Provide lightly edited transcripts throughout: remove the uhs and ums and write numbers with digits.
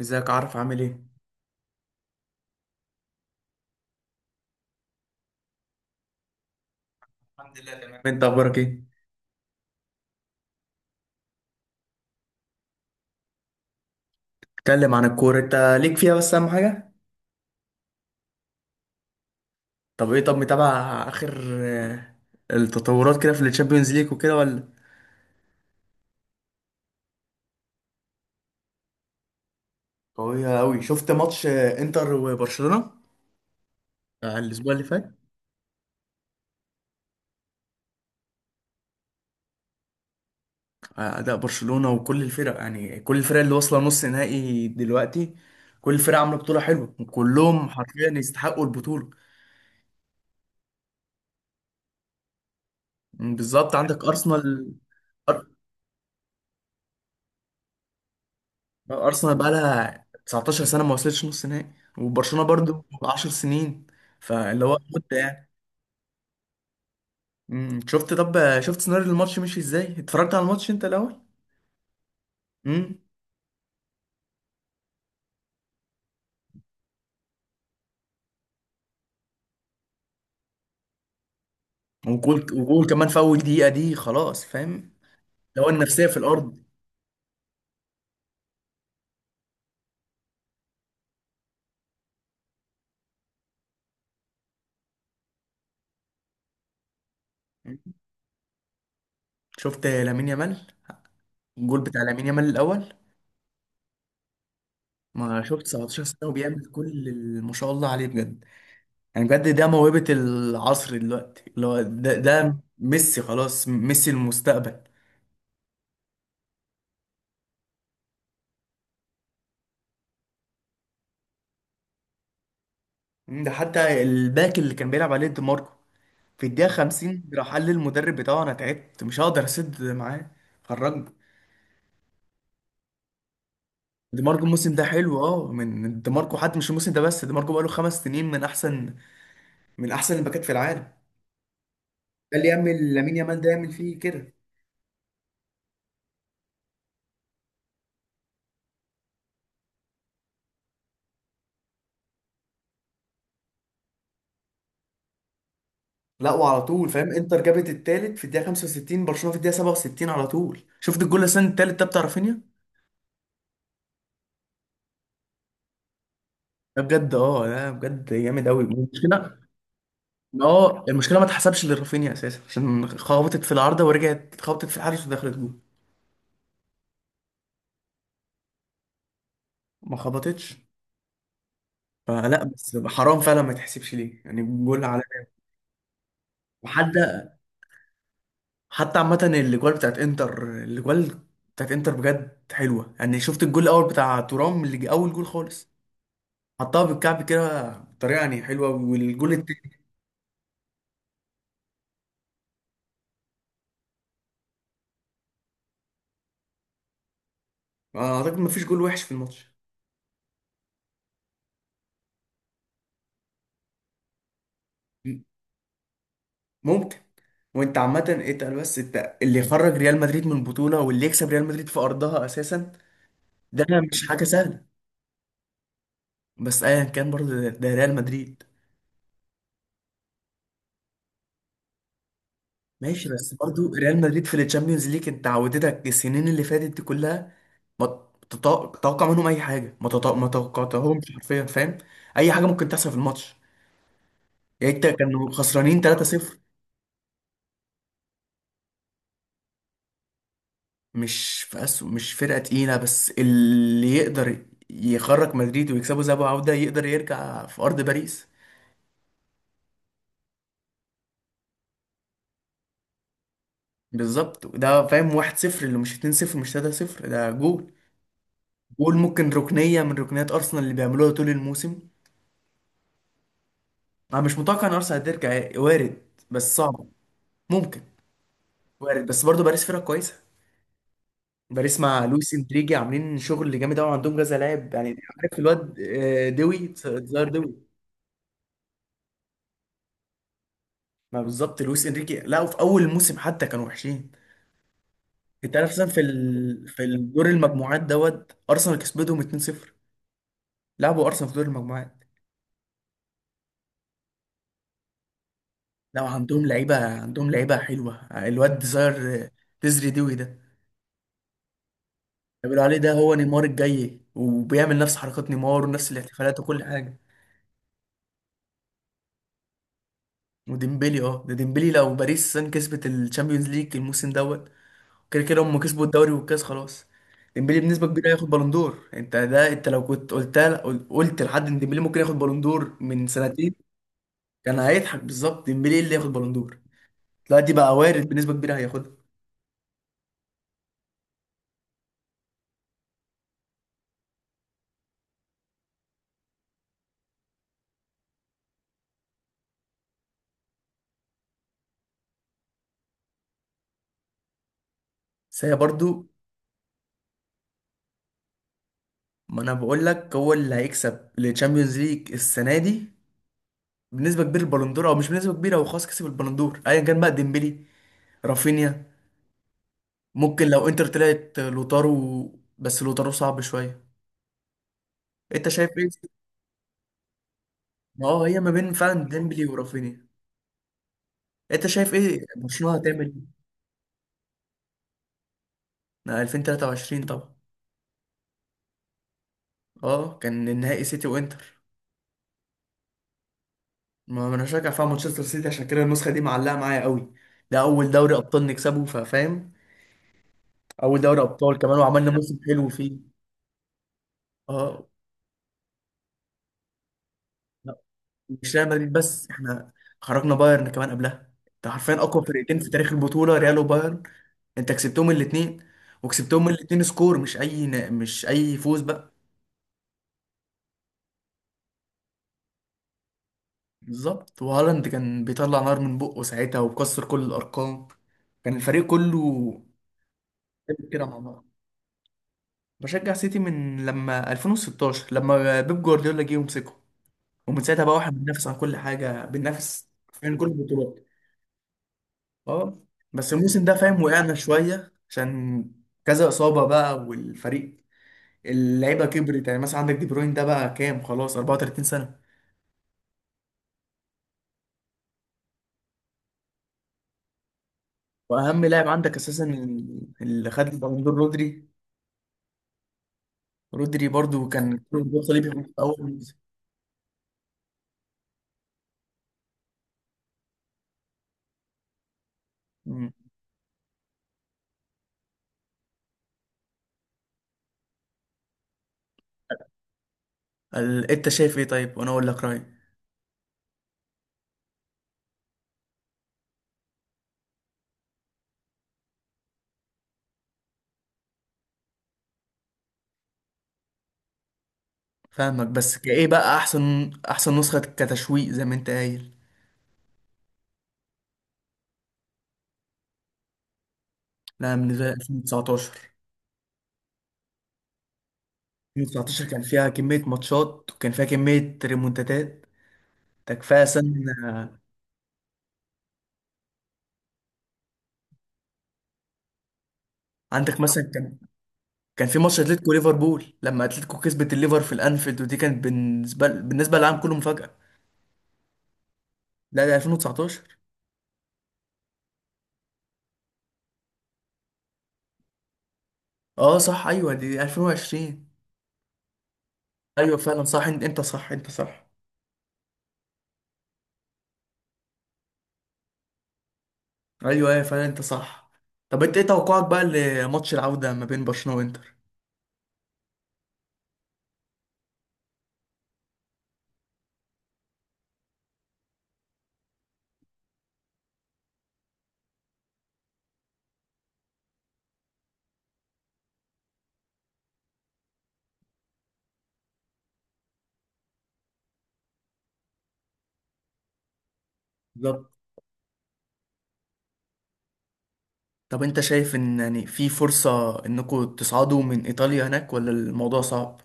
ازيك عارف عامل ايه؟ الحمد لله تمام، انت اخبارك ايه؟ اتكلم عن الكورة انت، ليك فيها بس اهم حاجة؟ طب ايه، طب متابع اخر آه، التطورات كده في الشامبيونز ليج وكده ولا؟ قوية أوي، شفت ماتش انتر وبرشلونة. الأسبوع اللي فات. أداء برشلونة وكل الفرق، يعني كل الفرق اللي واصلة نص نهائي دلوقتي، كل الفرق عاملة بطولة حلوة وكلهم حرفيا يستحقوا البطولة. بالظبط، عندك أرسنال. ارسنال بقى لها 19 سنه ما وصلتش نص نهائي، وبرشلونه برضو 10 سنين. فاللي هو مت يعني. شفت طب شفت سيناريو الماتش مشي ازاي؟ اتفرجت على الماتش انت الاول؟ امم. وجول وجول كمان في اول دقيقه دي، خلاص فاهم. لو النفسيه في الارض. مم. شفت لامين يامال، الجول بتاع لامين يامال الاول. ما شفت، 19 سنه وبيعمل كل ما شاء الله عليه بجد. يعني بجد ده موهبه العصر دلوقتي، اللي هو ده ميسي، خلاص، ميسي المستقبل. ده حتى الباك اللي كان بيلعب عليه، دي ماركو، في الدقيقة 50 راح قال للمدرب بتاعه أنا تعبت، مش هقدر أسد معاه، خرجني. دي ماركو الموسم ده حلو. اه من دي ماركو حتى، مش الموسم ده بس، دي ماركو بقاله 5 سنين من أحسن، من أحسن الباكات في العالم. ده اللي يعمل لامين يامال، ده يعمل فيه كده. لا، وعلى طول فاهم، انتر جابت التالت في الدقيقة 65، برشلونة في الدقيقة 67، على طول شفت الجول السنة التالت ده بتاع رافينيا. ده بجد، ده بجد جامد أوي، المشكلة. ما هو المشكله ما اتحسبش لرافينيا اساسا، عشان خبطت في العارضه ورجعت اتخبطت في الحارس ودخلت جول. ما خبطتش. فلا، بس حرام فعلا، ما تحسبش ليه يعني جول على. وحتى، عامه، الاجوال بتاعت انتر، الاجوال بتاعت انتر بجد حلوه يعني، شفت الجول الاول بتاع تورام اللي جه اول جول خالص. حطها بالكعب كده بطريقه يعني حلوه، والجول التاني. اعتقد ما فيش جول وحش في الماتش. ممكن. وانت عامه اتقل، بس انت اللي يخرج ريال مدريد من البطوله واللي يكسب ريال مدريد في ارضها اساسا. ده مش حاجه سهله. بس ايا كان برضو، ده ريال مدريد. ماشي، بس برضو ريال مدريد في الشامبيونز ليج انت عودتك السنين اللي فاتت دي كلها. ما تتوقع منهم اي حاجه، ما توقعتهمش حرفيا، فاهم. اي حاجه ممكن تحصل في الماتش، يعني انت كانوا خسرانين 3-0. مش في أسو مش فرقه تقيله، بس اللي يقدر يخرج مدريد ويكسبوا ذهاب وعوده يقدر يرجع في ارض باريس. بالظبط، ده فاهم، 1-0 اللي مش 2-0 مش 3-0، ده جول، قول ممكن ركنية من ركنيات أرسنال اللي بيعملوها طول الموسم. أنا مش متوقع إن أرسنال هترجع، يعني وارد، بس صعب. ممكن. وارد بس برضه باريس فرقة كويسة، باريس مع لويس إنريجي عاملين شغل جامد أوي، عندهم كذا لاعب يعني. عارف الواد دوي تزار دوي. ما بالظبط لويس إنريجي، لا، في أول الموسم حتى كانوا وحشين. أنت عارف مثلا في الدور المجموعات دوت أرسنال كسبتهم 2-0، لعبوا أرسنال في دور المجموعات. لا، عندهم لعيبة، عندهم لعيبة حلوة، الواد تزار، تزري دوي ده، بيقولوا عليه ده هو نيمار الجاي، وبيعمل نفس حركات نيمار ونفس الاحتفالات وكل حاجه. وديمبلي، ده ديمبلي، لو باريس سان كسبت الشامبيونز ليج الموسم دوت، كده كده هم كسبوا الدوري والكاس خلاص. ديمبلي بنسبه كبيره هياخد بالون دور، انت لو كنت قلتها قلت لحد ان ديمبلي ممكن ياخد بالون دور من سنتين، كان هيضحك. بالظبط ديمبلي اللي ياخد بالون دور دلوقتي بقى وارد بنسبه كبيره هياخدها. بس هي برضو. ما انا بقول لك هو اللي هيكسب الشامبيونز ليج السنه دي بنسبه كبيره البالندور، او مش بنسبه كبيره، هو خلاص كسب البالندور ايا كان بقى، ديمبلي، رافينيا، ممكن لو انتر طلعت لوتارو، بس لوتارو صعب شويه. انت شايف ايه؟ ما هو هي ما بين فعلا ديمبلي ورافينيا. انت شايف ايه برشلونه هتعمل؟ ايه، 2023 طبعا. اه، كان النهائي سيتي وانتر. ما انا شجع فيها مانشستر سيتي، عشان كده النسخه دي معلقه معايا قوي، ده اول دوري ابطال نكسبه، ففاهم، اول دوري ابطال كمان وعملنا موسم حلو فيه. اه. مش ريال مدريد بس، احنا خرجنا بايرن كمان قبلها، انت حرفيا اقوى فرقتين في تاريخ البطوله، ريال وبايرن. انت كسبتهم الاثنين، وكسبتهم الاثنين سكور، مش اي فوز بقى. بالظبط، وهالاند كان بيطلع نار من بقه ساعتها وكسر كل الارقام، كان الفريق كله جامد كده مع بعض. بشجع سيتي من لما 2016 لما بيب جوارديولا جه ومسكه، ومن ساعتها بقى واحنا بننافس عن كل حاجه، بننافس في كل البطولات. اه. بس الموسم ده فاهم وقعنا شوية عشان كذا إصابة بقى، والفريق اللعيبة كبرت، يعني مثلا عندك دي بروين ده بقى كام خلاص، 34 سنة. وأهم لاعب عندك أساسا اللي خد البالون دور رودري، رودري برضو كان ركوب صليبي في أول موسم. مم. أنت شايف إيه؟ طيب وأنا أقول لك رأيي. فاهمك، بس كإيه بقى، أحسن نسخة كتشويق زي ما أنت قايل؟ لا، بالنسبة لي 2019. 2019 كان فيها كمية ماتشات، وكان فيها كمية ريمونتادات، ده كفاية سنة. عندك مثلا كان في ماتش اتلتيكو ليفربول، لما اتلتيكو كسبت الليفر في الانفيلد، ودي كانت بالنسبه للعالم كله مفاجاه. لا، ده 2019. اه صح، ايوه، دي 2020. ايوه فعلا صح، انت صح، انت صح. ايوه ايوه، فعلا انت صح. طب انت ايه توقعك بقى لماتش العوده ما بين برشلونه وانتر؟ بالظبط. طب انت شايف ان يعني في فرصه انكم تصعدوا من ايطاليا هناك، ولا الموضوع صعب؟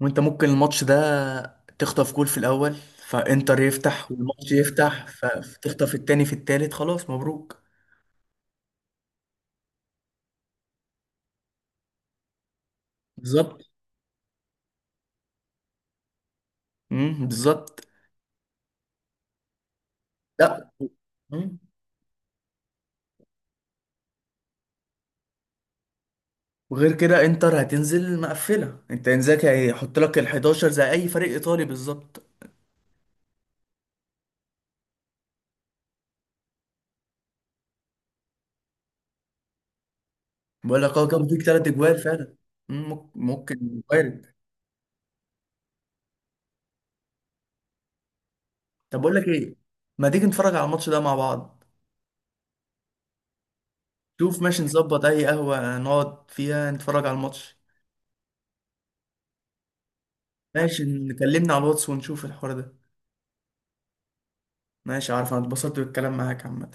وانت ممكن الماتش ده تخطف جول في الاول، فانتر يفتح والماتش يفتح، فتخطف التاني في التالت، خلاص مبروك. بالظبط. بالظبط. لا. مم. وغير كده انتر هتنزل مقفله، انت انزاك هيحط لك ال 11 زي اي فريق ايطالي، بالظبط. بقول لك كان فيك ثلاث اجوال فعلا. ممكن ممكن وارد. طب بقول لك ايه، ما تيجي نتفرج على الماتش ده مع بعض؟ شوف ماشي، نظبط اي قهوه نقعد فيها نتفرج على الماتش. ماشي، نكلمنا على الواتس ونشوف الحوار ده. ماشي، عارف انا اتبسطت بالكلام معاك عامة.